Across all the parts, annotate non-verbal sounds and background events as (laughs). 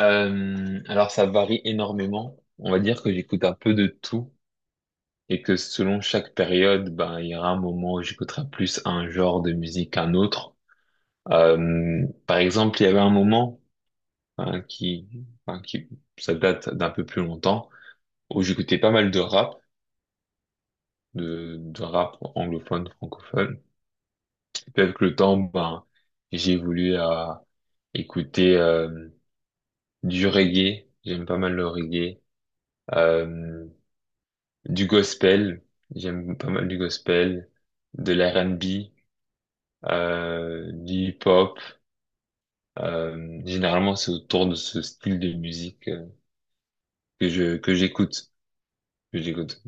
Alors ça varie énormément. On va dire que j'écoute un peu de tout et que selon chaque période, ben il y aura un moment où j'écouterai plus un genre de musique qu'un autre. Par exemple, il y avait un moment hein, enfin, qui, ça date d'un peu plus longtemps, où j'écoutais pas mal de rap, de rap anglophone, francophone. Et puis avec le temps, ben j'ai voulu à écouter du reggae. J'aime pas mal le reggae. Euh, Du gospel, j'aime pas mal du gospel, de l'R&B, du hip-hop. Généralement, c'est autour de ce style de musique que j'écoute, que j'écoute.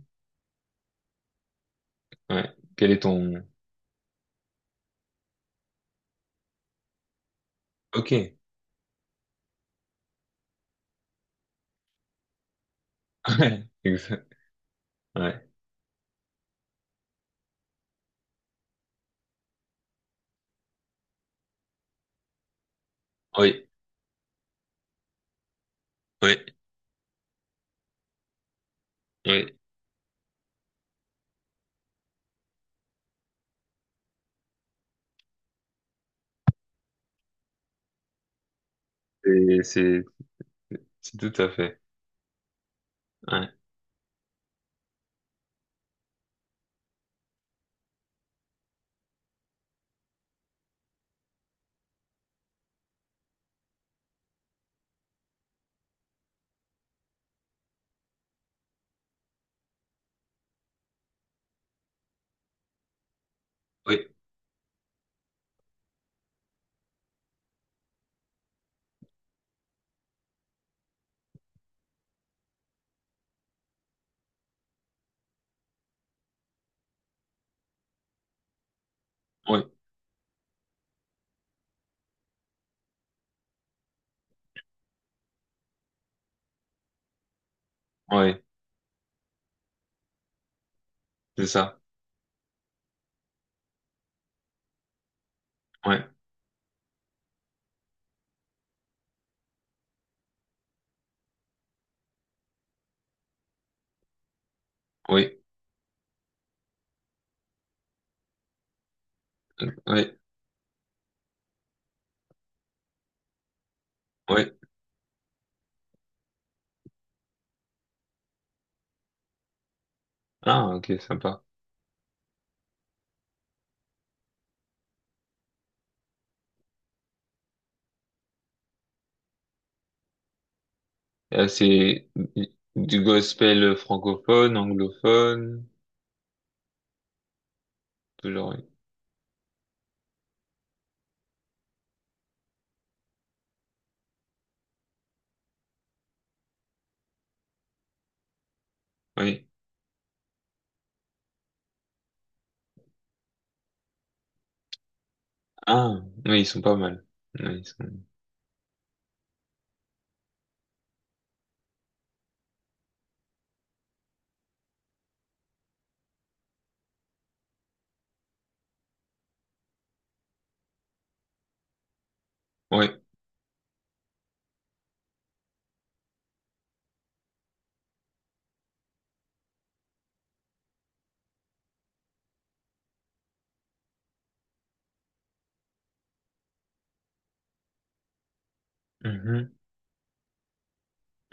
Ouais. Quel est ton... Ok. (laughs) Ouais. Exact. Ouais. Oui. Oui. Oui. Et c'est tout à fait. Ouais. Oui. Oui. Oui. C'est ça. Ouais. Oui. Oui. Oui. Ah, ok, sympa. C'est du gospel francophone, anglophone, toujours, oui. Oui. Ah, oui, ils sont pas mal. Oui, ils sont... Oui. Mhm,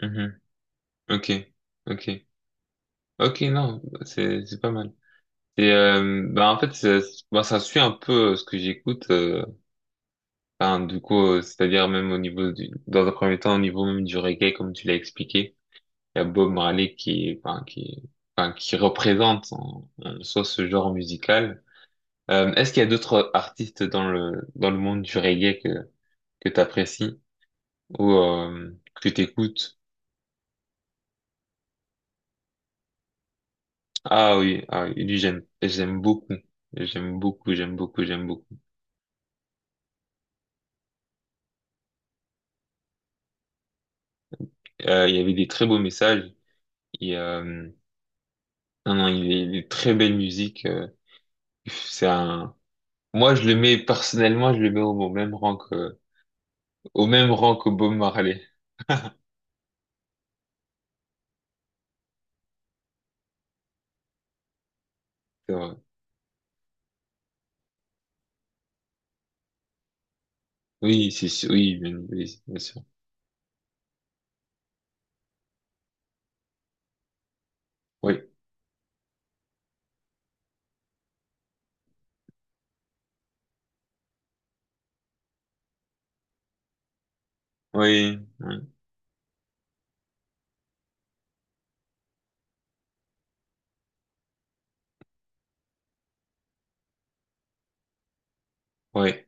mhm. Ok, ok. Ok, non, c'est pas mal. Et bah en fait, ça, bah, ça suit un peu ce que j'écoute. C'est-à-dire même au niveau du, dans un premier temps, au niveau même du reggae, comme tu l'as expliqué, il y a Bob Marley qui représente en, en soi ce genre musical. Est-ce qu'il y a d'autres artistes dans le monde du reggae que t'apprécies ou que t'écoutes? Ah oui, ah oui, lui j'aime beaucoup, j'aime beaucoup, j'aime beaucoup, j'aime beaucoup. Il y avait des très beaux messages. Et, euh, non non, il est très belle musique. C'est un, Moi je le mets personnellement, je le mets au, au même rang que Bob Marley. C'est vrai. Oui, c'est sûr, oui, bien sûr. Oui, oui, oui, oui.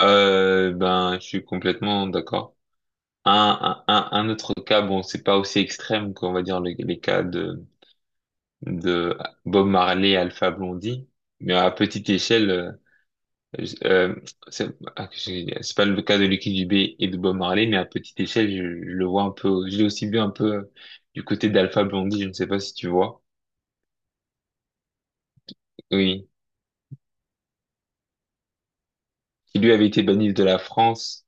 Ben je suis complètement d'accord. Un autre cas, bon, c'est pas aussi extrême qu'on va dire les, les cas de Bob Marley et Alpha Blondie, mais à petite échelle, je- c'est ah, que j'ai- c'est pas le cas de Lucky Dubé et de Bob Marley, mais à petite échelle, je le vois un peu, je l'ai aussi vu un peu du côté d'Alpha Blondie, je ne sais pas si tu vois, oui, qui lui avait été banni de la France,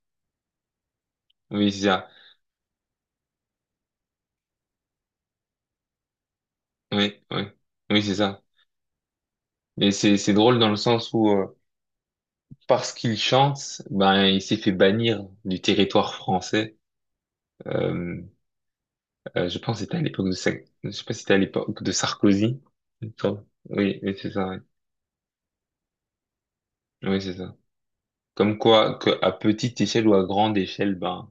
oui, c'est ça, oui, oui, oui, c'est ça. Mais c'est drôle dans le sens où parce qu'il chante, ben il s'est fait bannir du territoire français. Euh, je pense que c'était à l'époque je sais pas si c'était à l'époque de Sarkozy. Attends. Oui, oui, c'est ça. Oui, oui, c'est ça. Comme quoi, que à petite échelle ou à grande échelle, ben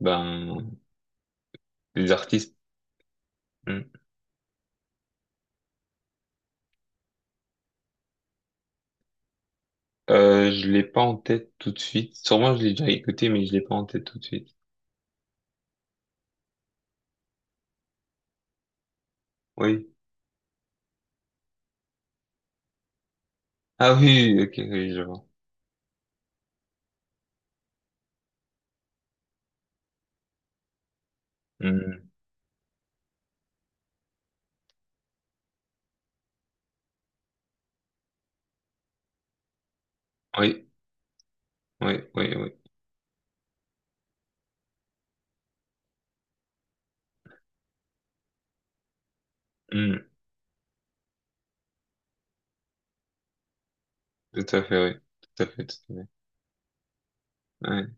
ben les artistes. Hmm. Je l'ai pas en tête tout de suite. Sûrement je l'ai déjà écouté, mais je l'ai pas en tête tout de suite. Oui. Ah oui, oui, ok, oui, je vois. Hmm. Oui, oui, oui, oui. Hmm. Tout à fait, oui. Tout à fait, tout à fait. Ouais.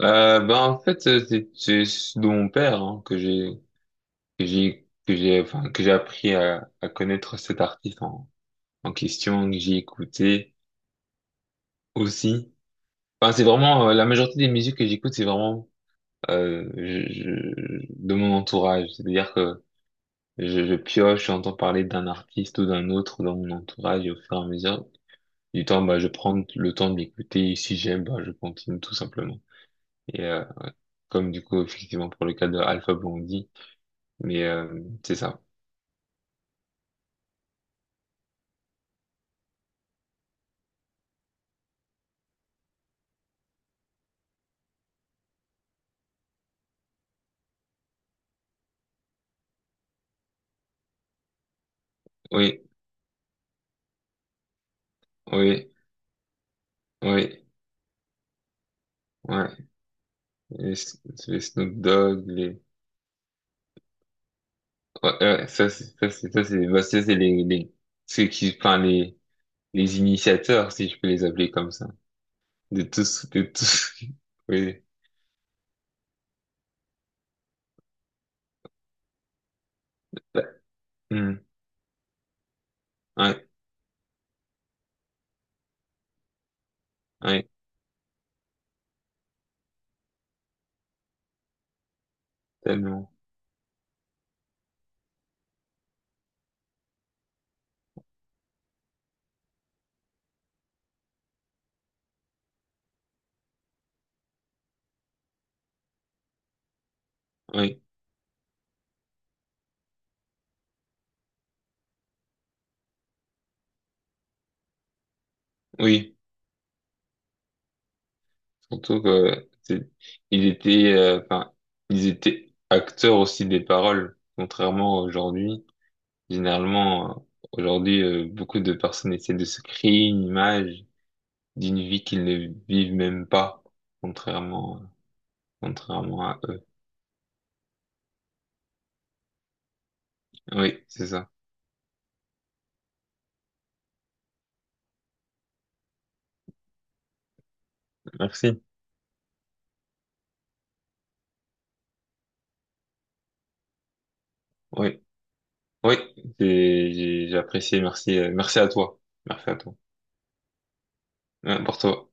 Ben en fait c'est de mon père hein, que j'ai appris à connaître cet artiste en, en question que j'ai écouté aussi. Enfin c'est vraiment la majorité des musiques que j'écoute c'est vraiment de mon entourage. C'est-à-dire que je pioche, j'entends parler d'un artiste ou d'un autre dans mon entourage et au fur et à mesure du temps bah je prends le temps de l'écouter et si j'aime bah je continue tout simplement. Et comme du coup effectivement pour le cas de Alpha Blondy. Mais c'est ça. Oui, oui, oui. Ouais. Les, S- les Snoop Dogg, les... Ouais, ouais, ça, c'est les, ceux qui, les initiateurs, si je peux les appeler comme ça. De tous, de tous. (laughs) Oui. Bah, hmm. Ouais, ouais, tellement. Oui, oui. Surtout que, c'est, ils étaient, enfin, ils étaient acteurs aussi des paroles, contrairement à aujourd'hui. Généralement, euh, Aujourd'hui, beaucoup de personnes essaient de se créer une image d'une vie qu'ils ne vivent même pas, contrairement, contrairement à eux. Oui, c'est ça. Merci. Oui, oui, j'ai apprécié. Merci, merci à toi. Merci à toi. Pour toi.